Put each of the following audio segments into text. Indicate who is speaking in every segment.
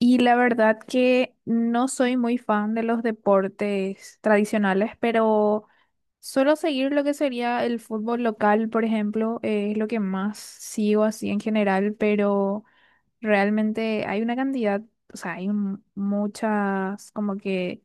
Speaker 1: Y la verdad que no soy muy fan de los deportes tradicionales, pero suelo seguir lo que sería el fútbol local, por ejemplo, es lo que más sigo así en general, pero realmente hay una cantidad, o sea, muchas como que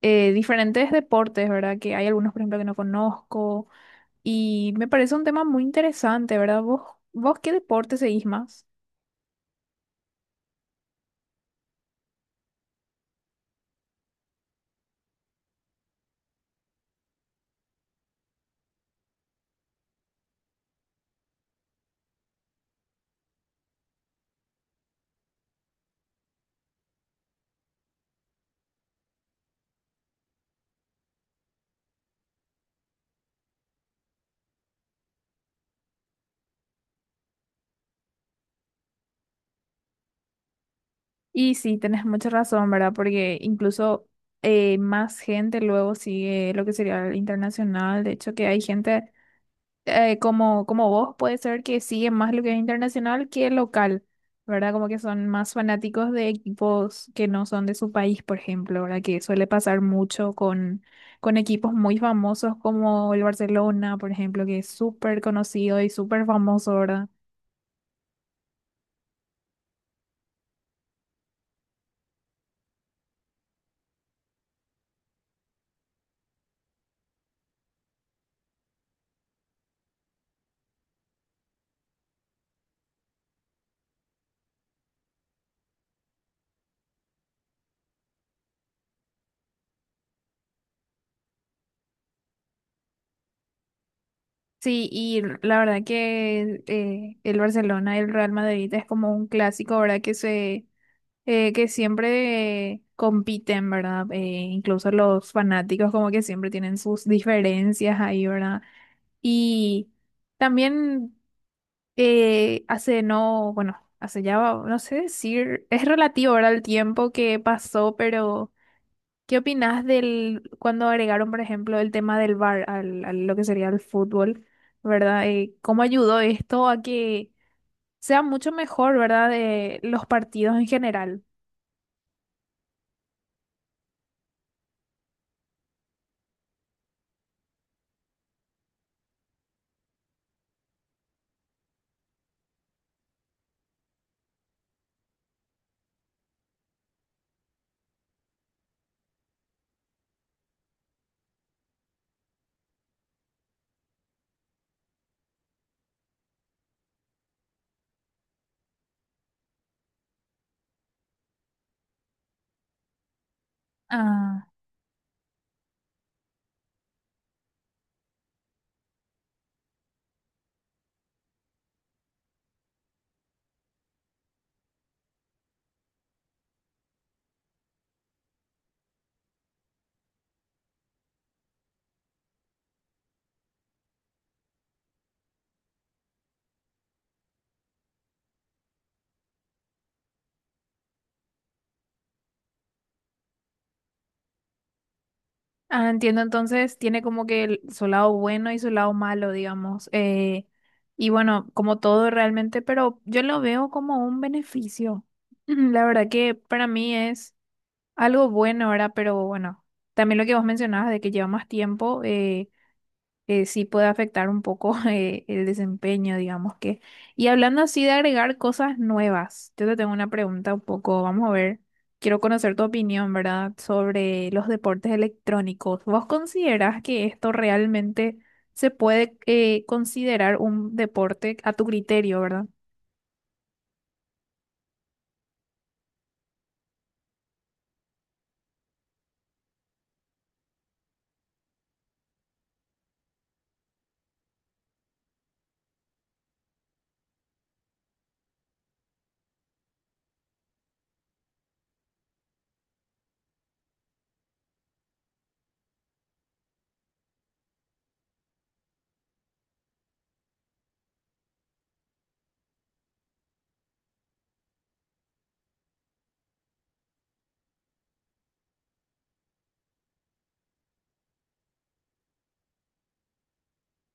Speaker 1: diferentes deportes, ¿verdad? Que hay algunos, por ejemplo, que no conozco y me parece un tema muy interesante, ¿verdad? ¿Vos qué deporte seguís más? Y sí, tenés mucha razón, ¿verdad? Porque incluso más gente luego sigue lo que sería el internacional. De hecho, que hay gente como, como vos, puede ser que sigue más lo que es internacional que local, ¿verdad? Como que son más fanáticos de equipos que no son de su país, por ejemplo, ¿verdad? Que suele pasar mucho con equipos muy famosos como el Barcelona, por ejemplo, que es súper conocido y súper famoso, ¿verdad? Sí, y la verdad que el Barcelona y el Real Madrid es como un clásico, ¿verdad? Que siempre compiten, ¿verdad? Incluso los fanáticos como que siempre tienen sus diferencias ahí, ¿verdad? Y también hace no, bueno, hace ya, no sé decir, es relativo, ¿verdad? El tiempo que pasó, pero ¿qué opinás del cuando agregaron, por ejemplo, el tema del bar a lo que sería el fútbol, ¿verdad? ¿Cómo ayudó esto a que sea mucho mejor, ¿verdad? De los partidos en general. Ah, entiendo, entonces tiene como que su lado bueno y su lado malo, digamos. Y bueno, como todo realmente, pero yo lo veo como un beneficio. Mm, la verdad que para mí es algo bueno, ¿verdad? Pero bueno, también lo que vos mencionabas de que lleva más tiempo. Sí puede afectar un poco el desempeño, digamos que. Y hablando así de agregar cosas nuevas, yo te tengo una pregunta un poco, vamos a ver, quiero conocer tu opinión, ¿verdad? Sobre los deportes electrónicos. ¿Vos considerás que esto realmente se puede considerar un deporte a tu criterio, ¿verdad?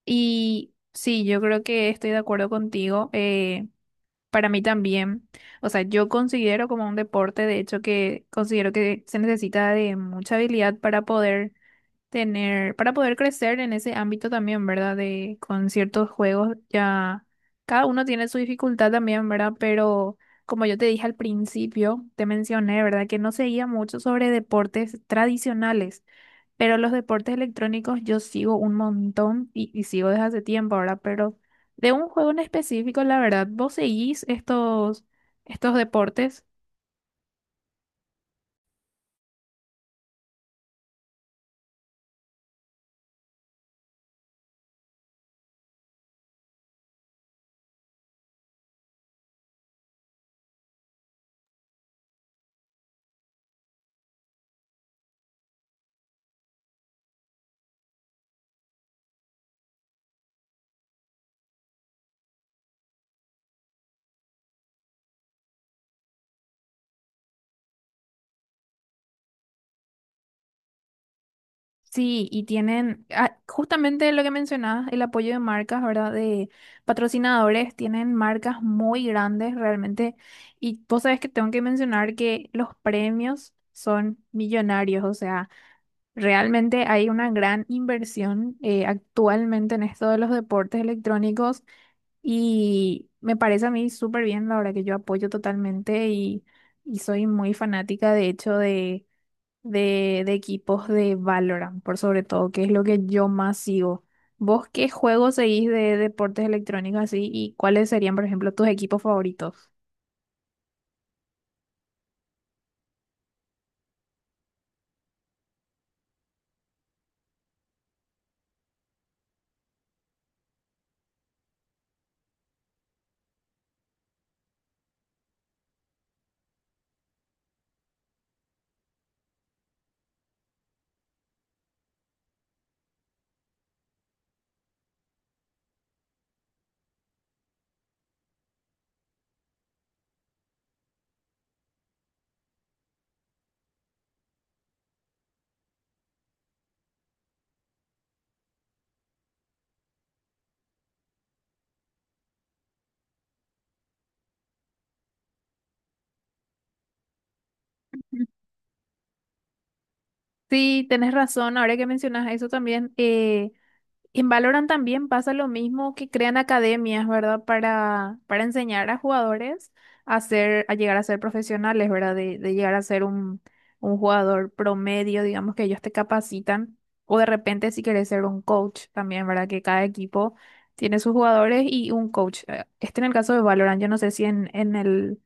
Speaker 1: Y sí, yo creo que estoy de acuerdo contigo. Para mí también, o sea, yo considero como un deporte, de hecho, que considero que se necesita de mucha habilidad para poder tener, para poder crecer en ese ámbito también, ¿verdad? De con ciertos juegos ya cada uno tiene su dificultad también, ¿verdad? Pero como yo te dije al principio, te mencioné, ¿verdad? Que no seguía mucho sobre deportes tradicionales. Pero los deportes electrónicos yo sigo un montón y sigo desde hace tiempo ahora, pero de un juego en específico, la verdad, vos seguís estos deportes, sí, y tienen ah, justamente lo que mencionabas, el apoyo de marcas, ¿verdad? De patrocinadores, tienen marcas muy grandes realmente, y vos sabés que tengo que mencionar que los premios son millonarios, o sea, realmente hay una gran inversión actualmente en esto de los deportes electrónicos. Y me parece a mí súper bien, la verdad que yo apoyo totalmente y soy muy fanática, de hecho, de equipos de Valorant, por sobre todo, que es lo que yo más sigo. ¿Vos qué juegos seguís de deportes electrónicos así y cuáles serían, por ejemplo, tus equipos favoritos? Sí, tenés razón, ahora que mencionas eso también, en Valorant también pasa lo mismo que crean academias, ¿verdad? Para enseñar a jugadores a llegar a ser profesionales, ¿verdad? De llegar a ser un jugador promedio, digamos que ellos te capacitan. O de repente si quieres ser un coach también, ¿verdad? Que cada equipo tiene sus jugadores y un coach. Este en el caso de Valorant, yo no sé si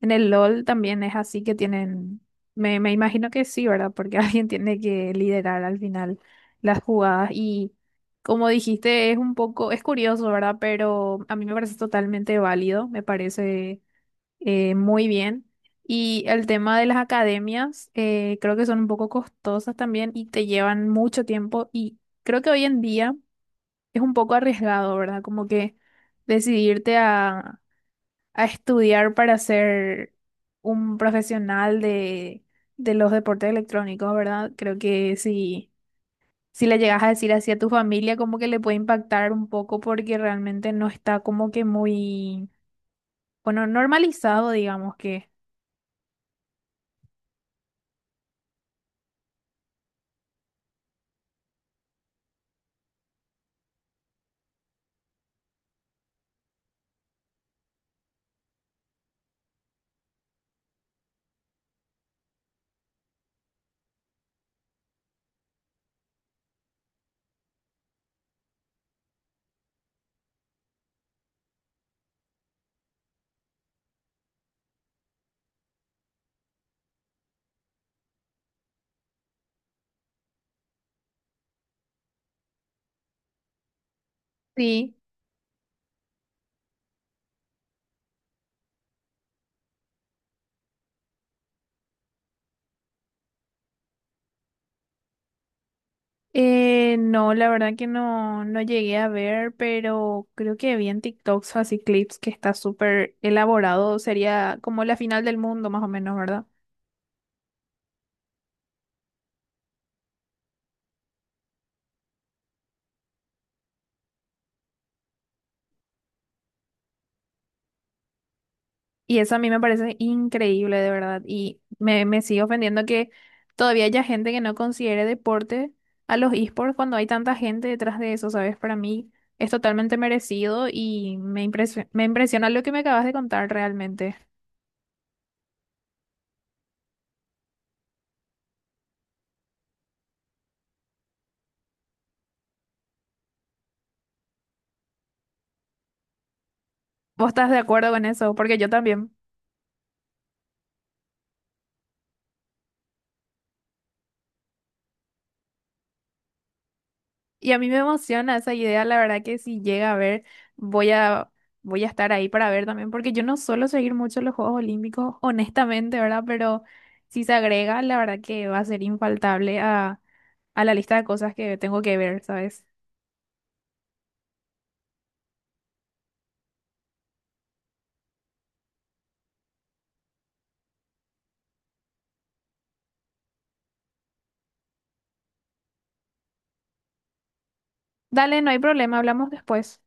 Speaker 1: en el LOL también es así que tienen, me imagino que sí, ¿verdad? Porque alguien tiene que liderar al final las jugadas y como dijiste, es un poco, es curioso, ¿verdad? Pero a mí me parece totalmente válido, me parece muy bien. Y el tema de las academias, creo que son un poco costosas también y te llevan mucho tiempo y creo que hoy en día es un poco arriesgado, ¿verdad? Como que decidirte a estudiar para ser un profesional de los deportes electrónicos, ¿verdad? Creo que si, si le llegas a decir así a tu familia, como que le puede impactar un poco porque realmente no está como que muy, bueno, normalizado, digamos que. Sí. No, la verdad que no, no llegué a ver, pero creo que vi en TikToks así clips que está súper elaborado, sería como la final del mundo más o menos, ¿verdad? Y eso a mí me parece increíble, de verdad. Y me sigue ofendiendo que todavía haya gente que no considere deporte a los esports cuando hay tanta gente detrás de eso, ¿sabes? Para mí es totalmente merecido y me impresiona lo que me acabas de contar realmente. ¿Vos estás de acuerdo con eso? Porque yo también. Y a mí me emociona esa idea, la verdad que si llega a ver, voy a, voy a estar ahí para ver también, porque yo no suelo seguir mucho los Juegos Olímpicos, honestamente, ¿verdad? Pero si se agrega, la verdad que va a ser infaltable a la lista de cosas que tengo que ver, ¿sabes? Dale, no hay problema, hablamos después.